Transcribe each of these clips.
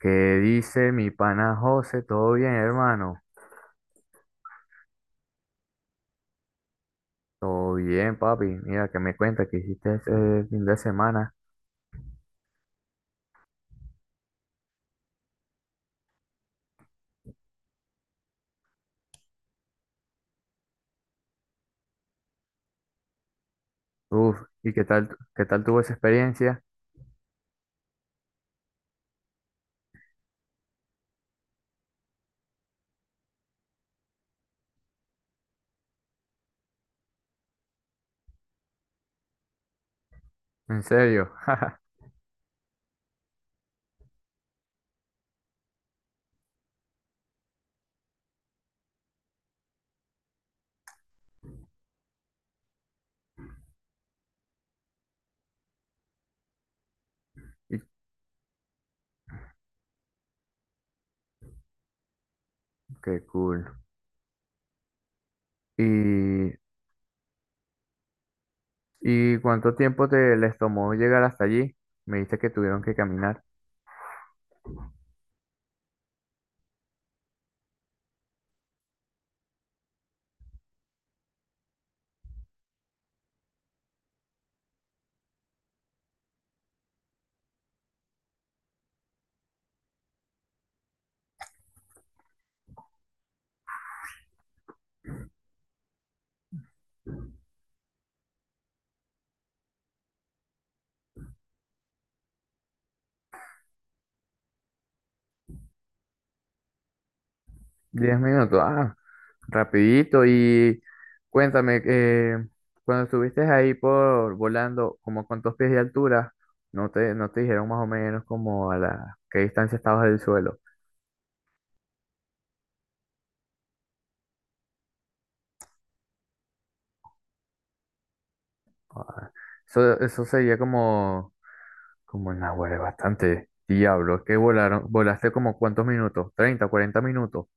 ¿Qué dice mi pana José? ¿Todo bien, hermano? Todo bien, papi. Mira, que me cuenta que hiciste ese fin de semana. Uf, ¿qué tal tuvo esa experiencia? ¿En serio? Y- Qué cool. ¿Y, y cuánto tiempo te les tomó llegar hasta allí? Me dijiste que tuvieron que caminar. 10 minutos, ah, rapidito. Y cuéntame, cuando estuviste ahí por volando, como cuántos pies de altura, no te dijeron más o menos como a la qué distancia estabas del suelo. Ah, eso sería como una hueva, bastante. Diablo, que volaron, volaste como cuántos minutos, ¿30 40 minutos?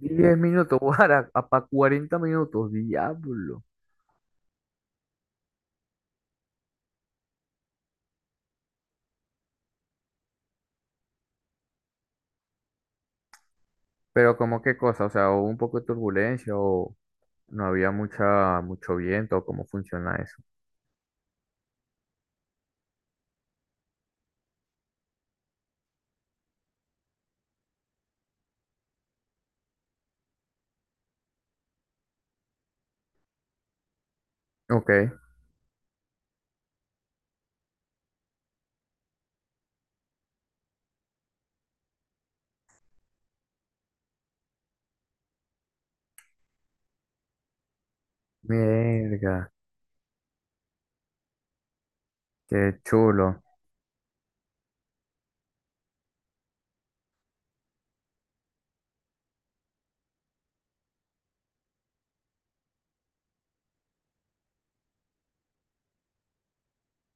¿10 minutos? Guara, para 40 minutos, diablo. Pero como qué cosa, o sea, ¿hubo un poco de turbulencia o no había mucho viento? ¿Cómo funciona eso? Ok, mierda, qué chulo,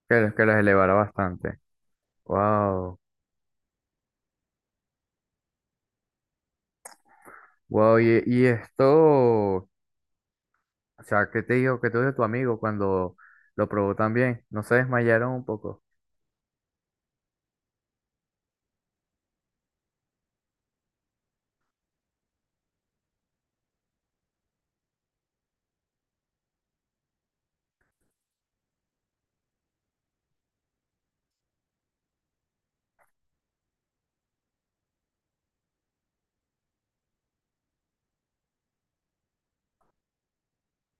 que los elevará bastante. Wow, wow, y esto, o sea, ¿qué te dijo tu amigo cuando lo probó también? ¿No se desmayaron un poco?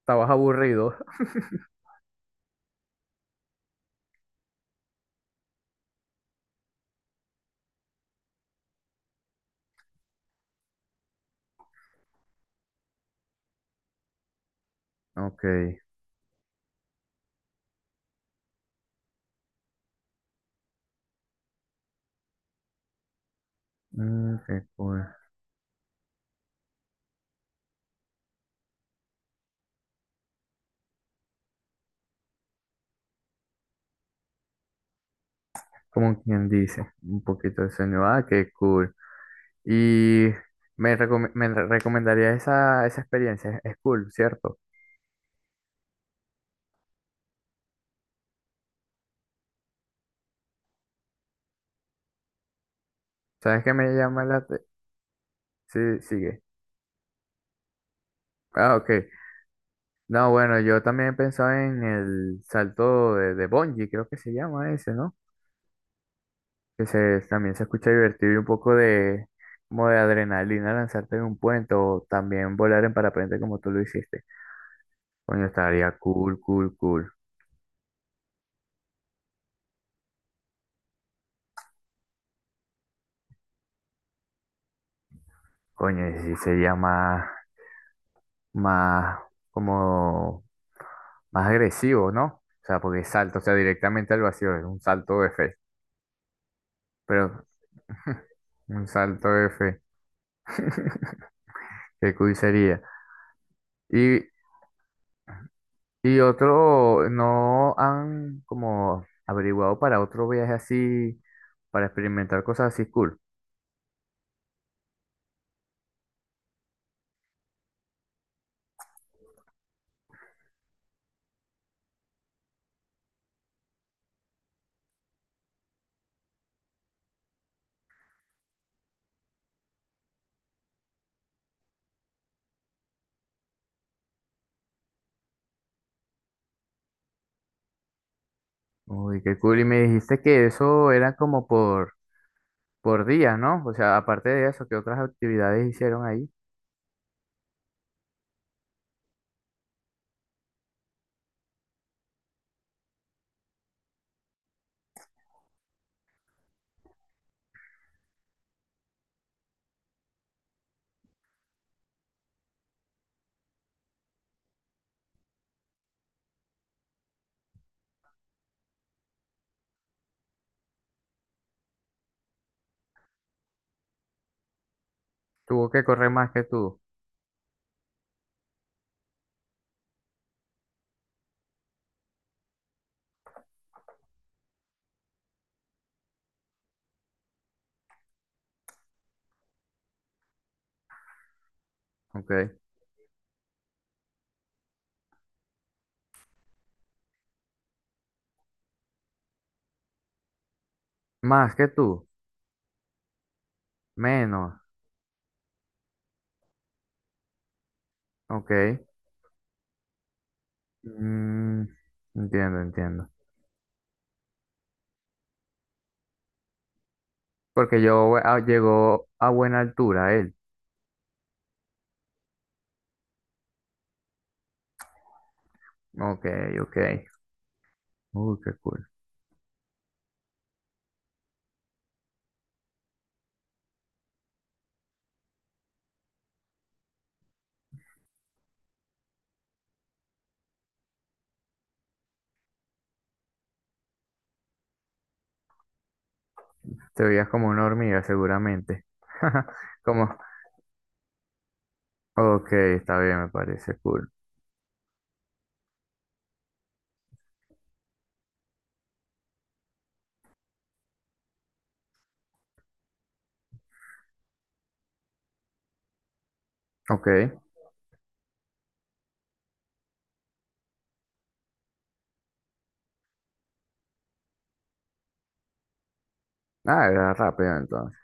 ¿Estabas aburrido? Ok, mm, qué cool. Como quien dice, un poquito de sueño, ah, qué cool. Y me, recome- me re- recomendaría esa experiencia, es cool, ¿cierto? ¿Sabes qué me llama la… Sí, sigue. Ah, ok. No, bueno, yo también pensaba en el salto de bungee, creo que se llama ese, ¿no? También se escucha divertido y un poco de, como de adrenalina lanzarte en un puente o también volar en parapente como tú lo hiciste. Coño, estaría cool, cool, cool. Coño, y sí sería más, más, como, más agresivo, ¿no? O sea, porque salto, o sea, directamente al vacío, es un salto de fe. Pero, un salto de fe. Qué cool sería. Y, y otro, ¿no han como averiguado para otro viaje así, para experimentar cosas así cool? Uy, qué cool. Y me dijiste que eso era como por días, ¿no? O sea, aparte de eso, ¿qué otras actividades hicieron ahí? Tuvo que correr más que tú, ok. Más que tú, menos, ok. Mm, entiendo, entiendo. Porque yo ah, llegó a buena altura él. Ok, ok. Uy, qué cool. Te veías como una hormiga, seguramente. Como, ok, está bien, me parece cool. Ok. Ah, era rápido entonces.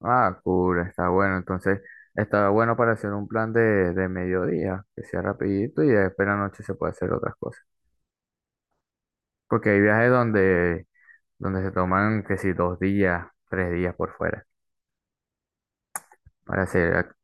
Ah, cool, está bueno. Entonces, está bueno para hacer un plan de mediodía, que sea rapidito y después en la noche se puede hacer otras cosas. Porque hay viajes donde se toman, que si 2 días, 3 días por fuera, para hacer al,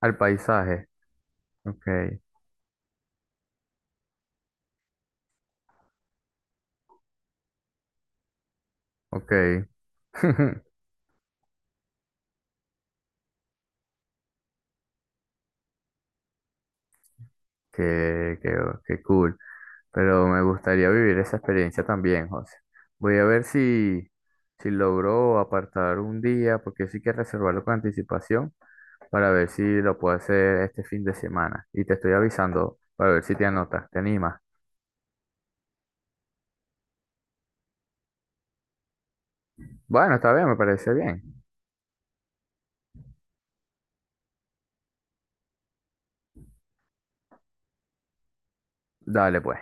al paisaje. Ok, ok. Qué, qué, qué cool. Pero me gustaría vivir esa experiencia también, José. Voy a ver si, si logro apartar un día, porque sí que reservarlo con anticipación, para ver si lo puedo hacer este fin de semana. Y te estoy avisando para ver si te anotas, te animas. Bueno, está bien, me parece bien. Dale pues.